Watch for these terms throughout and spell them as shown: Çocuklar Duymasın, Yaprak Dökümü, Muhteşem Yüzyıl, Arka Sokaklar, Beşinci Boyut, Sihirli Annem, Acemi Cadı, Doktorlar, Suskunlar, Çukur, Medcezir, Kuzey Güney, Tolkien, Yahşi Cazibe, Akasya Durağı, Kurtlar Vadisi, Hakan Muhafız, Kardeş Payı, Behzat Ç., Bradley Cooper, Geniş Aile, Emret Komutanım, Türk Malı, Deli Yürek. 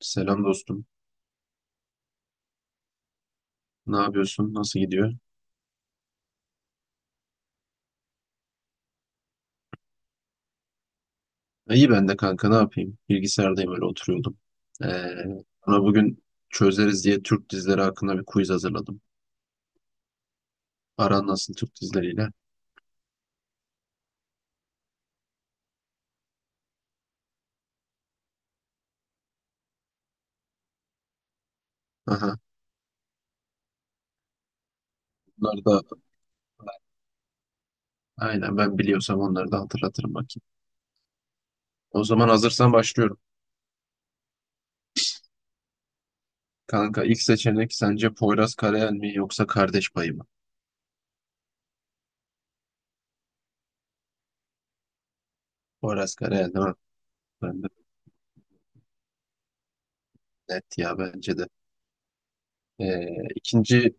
Selam dostum. Ne yapıyorsun? Nasıl gidiyor? İyi, ben de kanka, ne yapayım? Bilgisayardayım, öyle oturuyordum. Ee, Ona bugün çözeriz diye Türk dizileri hakkında bir quiz hazırladım. Aran nasıl Türk dizileriyle? Aha. Bunlar da aynen, ben biliyorsam onları da hatırlatırım bakayım. O zaman hazırsan başlıyorum. Kanka, ilk seçenek sence Poyraz Karayel mi yoksa Kardeş Payı mı? Poyraz Karayel değil mi? Ben de net ya, bence de. Ee, ikinci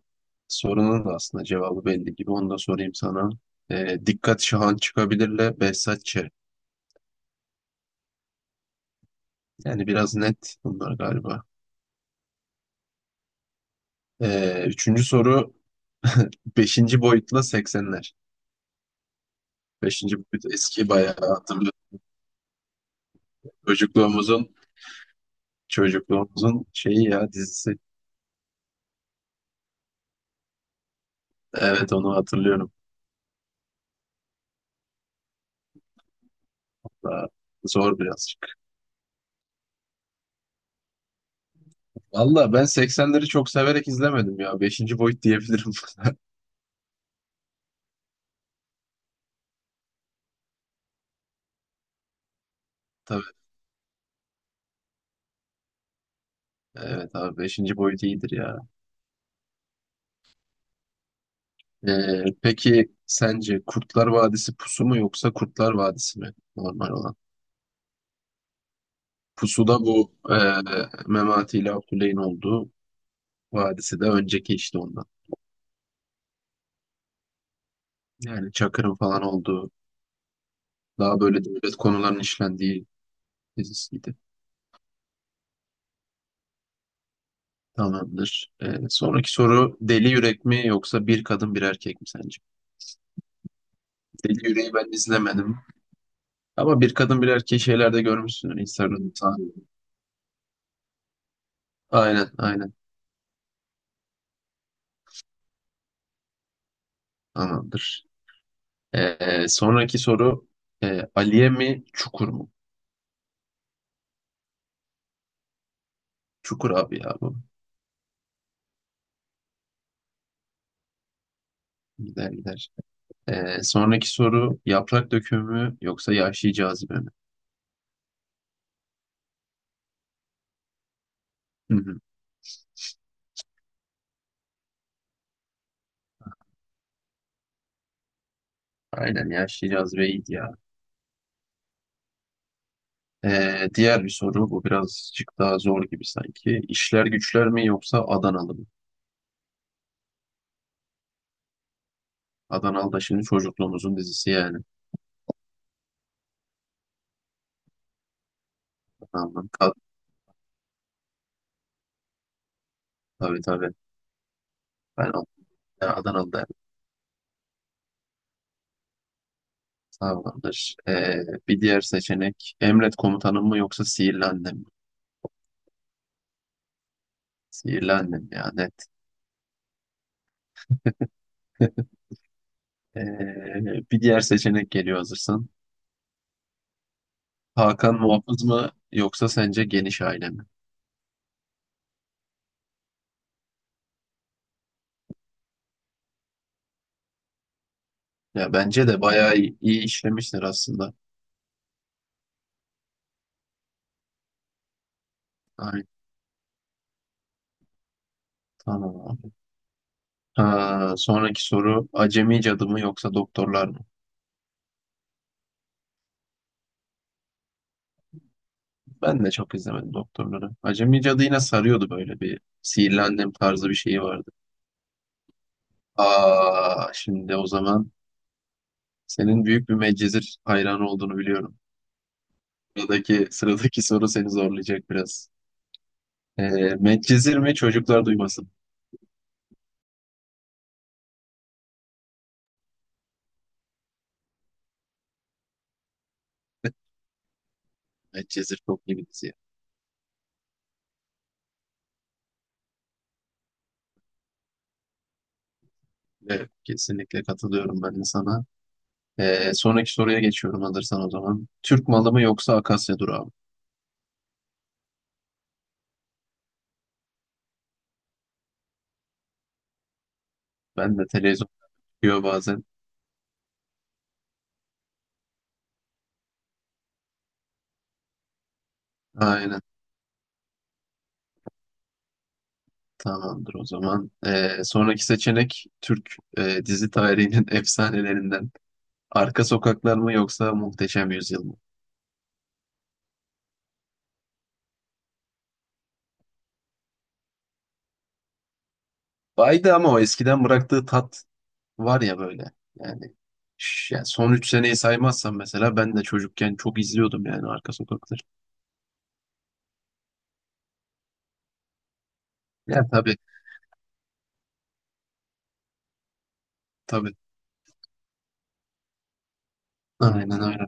sorunun da aslında cevabı belli gibi. Onu da sorayım sana. Dikkat Şahan çıkabilirle Behzat Ç. Yani biraz net bunlar galiba. Üçüncü soru beşinci boyutla 80'ler. Beşinci boyut eski, bayağı hatırlıyorum. Çocukluğumuzun çocukluğumuzun şeyi ya, dizisi. Evet, onu hatırlıyorum. Daha zor birazcık. Valla ben 80'leri çok severek izlemedim ya. Beşinci boyut diyebilirim. Tabii. Evet abi, beşinci boyut iyidir ya. Peki sence Kurtlar Vadisi Pusu mu yoksa Kurtlar Vadisi mi normal olan? Pusu da bu Memati ile Abdüley'in olduğu, vadisi de önceki işte ondan. Yani Çakır'ın falan olduğu, daha böyle devlet konularının işlendiği dizisiydi. Tamamdır. Sonraki soru Deli Yürek mi yoksa Bir Kadın Bir Erkek mi sence? Deli Yüreği ben izlemedim. Ama Bir Kadın Bir Erkeği şeylerde görmüşsün. Instagram'da. Aynen, aynen. Tamamdır. Sonraki soru, Aliye mi Çukur mu? Çukur abi ya bu. Gider gider. Sonraki soru Yaprak Dökümü mü yoksa Yahşi Cazibe mi? Hı hı. Aynen, Yahşi Cazibe iyiydi ya. Diğer bir soru, bu birazcık daha zor gibi sanki. İşler Güçler mi yoksa Adanalı mı? Adanalı da şimdi çocukluğumuzun dizisi yani. Adanalı. Tabii tabii. Ben Ad- Adanalı derdim. Tamamdır. Bir diğer seçenek Emret Komutanım mı yoksa Sihirli Annem mi? Sihirli Annem yani. Ee, Bir diğer seçenek geliyor, hazırsan. Hakan Muhafız mı yoksa sence Geniş Aile mi? Ya bence de bayağı iyi, iyi işlemişler aslında. Ay, tamam abi. Ha, sonraki soru Acemi Cadı mı yoksa Doktorlar mı? Ben de çok izlemedim Doktorları. Acemi Cadı yine sarıyordu, böyle bir Sihirli Annem tarzı bir şeyi vardı. Aa, şimdi o zaman senin büyük bir Medcezir hayranı olduğunu biliyorum. Sıradaki soru seni zorlayacak biraz. Ee, Medcezir mi Çocuklar Duymasın? Medcezir çok iyi bir dizi. Evet, kesinlikle katılıyorum ben de sana. Sonraki soruya geçiyorum, alırsan o zaman. Türk Malı mı yoksa Akasya Durağı mı? Ben de televizyon çıkıyor bazen. Aynen, tamamdır o zaman. Sonraki seçenek Türk dizi tarihinin efsanelerinden. Arka Sokaklar mı yoksa Muhteşem Yüzyıl mı? Baydı ama o eskiden bıraktığı tat var ya böyle, yani yani son 3 seneyi saymazsam, mesela ben de çocukken çok izliyordum yani Arka Sokakları. Ya tabii, tabii, aynen öyle,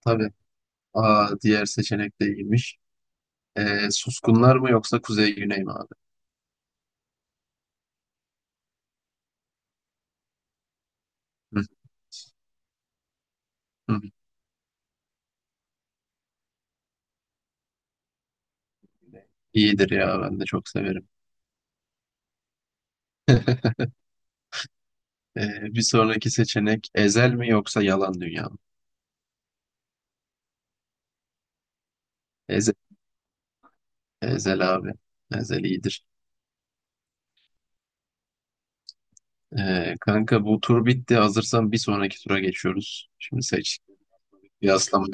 tabii. Aa, diğer seçenek de iyiymiş. Suskunlar mı yoksa Kuzey Güney mi abi? Hı, hı hı. İyidir ya, ben de çok severim. Bir sonraki seçenek Ezel mi yoksa Yalan Dünya mı? Eze- Ezel abi. Ezel iyidir. Kanka, bu tur bitti. Hazırsan bir sonraki tura geçiyoruz. Şimdi seç. Kıyaslama.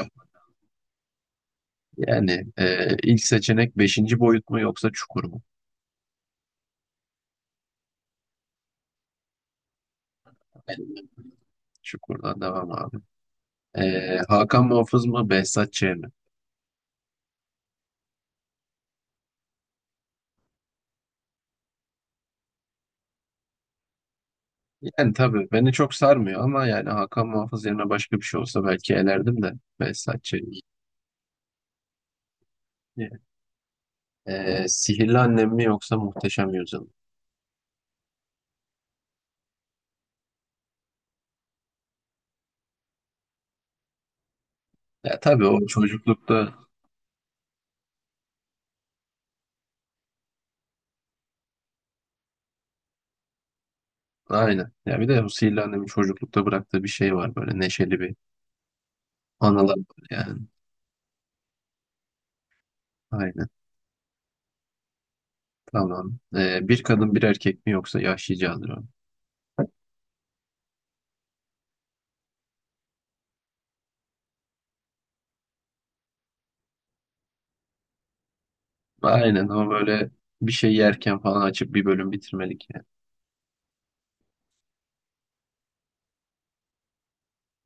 Yani ilk seçenek Beşinci Boyut mu yoksa Çukur mu? Çukurdan devam abi. E, Hakan Muhafız mı Behzat Ç. mi? Yani tabii beni çok sarmıyor, ama yani Hakan Muhafız yerine başka bir şey olsa belki elerdim de Behzat Ç. yani. E, Sihirli Annem mi yoksa Muhteşem Yüzyıl mı? Ya tabii, o çocuklukta, aynen. Ya bir de o Sihirli Annem'in çocuklukta bıraktığı bir şey var, böyle neşeli bir anılar var yani. Aynen. Tamam. E, Bir Kadın Bir Erkek mi yoksa Yahşi Candır. Aynen, ama böyle bir şey yerken falan açıp bir bölüm bitirmelik yani.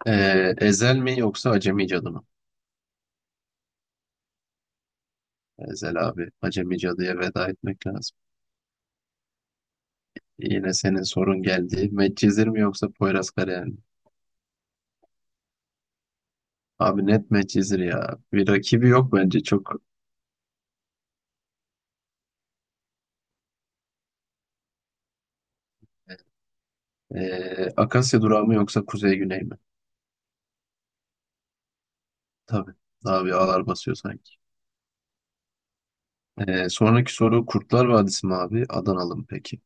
Ezel mi yoksa Acemi Cadı mı? Ezel abi. Acemi Cadı'ya veda etmek lazım. Yine senin sorun geldi. Medcezir mi yoksa Poyraz Karayel mi? Abi net Medcezir ya. Bir rakibi yok bence çok. Akasya Durağı mı yoksa Kuzey Güney mi? Tabii. Abi ağlar basıyor sanki. Sonraki soru Kurtlar Vadisi mi abi? Adanalı mı peki?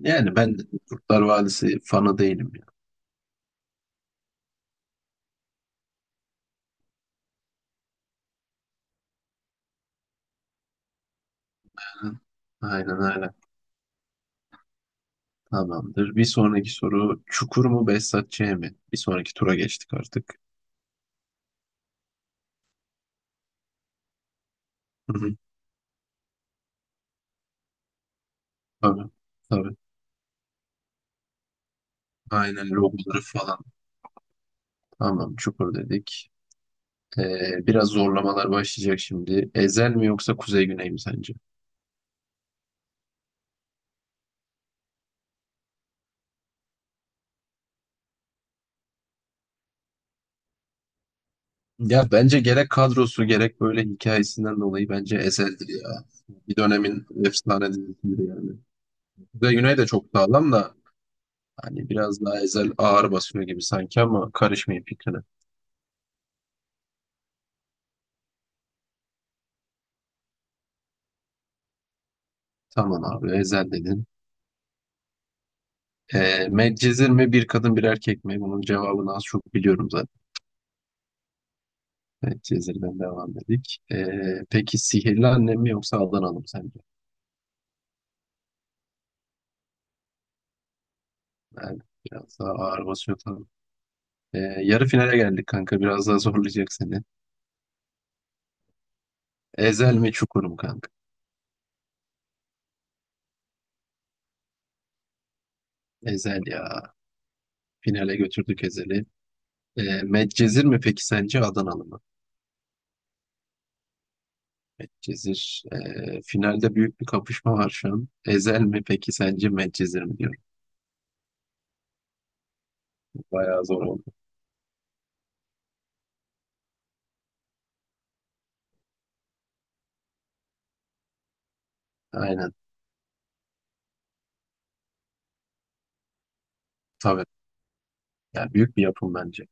Yani ben Kurtlar Vadisi fanı değilim ya. Aynen öyle. Tamamdır. Bir sonraki soru Çukur mu Behzat Ç. mi? Bir sonraki tura geçtik artık. Hı hı. Tabii. Tabii. Aynen, logoları falan. Tamam, Çukur dedik. Biraz zorlamalar başlayacak şimdi. Ezel mi yoksa Kuzey Güney mi sence? Ya bence gerek kadrosu gerek böyle hikayesinden dolayı bence Ezel'dir ya. Bir dönemin efsane dizisidir yani. Kuzey Güney de çok sağlam da, hani biraz daha Ezel ağır basıyor gibi sanki, ama karışmayın fikrine. Tamam abi, Ezel dedin. Medcezir mi Bir Kadın Bir Erkek mi? Bunun cevabını az çok biliyorum zaten. Medcezir'den devam dedik. Peki Sihirli Annem mi yoksa Adanalı mı sence? Yani biraz daha ağır basıyor tabii. Ee, Yarı finale geldik kanka. Biraz daha zorlayacak seni. Ezel mi Çukur mu kanka? Ezel ya. Finale götürdük Ezel'i. Medcezir mi peki sence Adanalı mı? Medcezir. Finalde büyük bir kapışma var şu an. Ezel mi peki sence Medcezir mi diyorum. Bayağı zor oldu. Aynen. Tabii. Yani büyük bir yapım bence.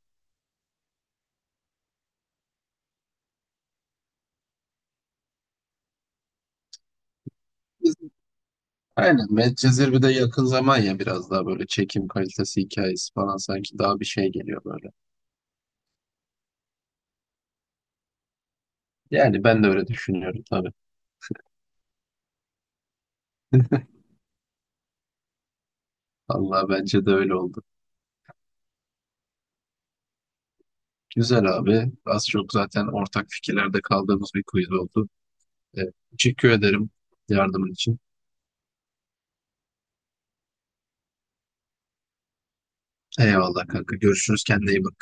Aynen, Medcezir bir de yakın zaman ya, biraz daha böyle çekim kalitesi hikayesi falan sanki daha bir şey geliyor böyle. Yani ben de öyle düşünüyorum tabii. Allah, bence de öyle oldu. Güzel abi. Az çok zaten ortak fikirlerde kaldığımız bir quiz oldu. Evet, teşekkür ederim yardımın için. Eyvallah kanka. Görüşürüz. Kendine iyi bak.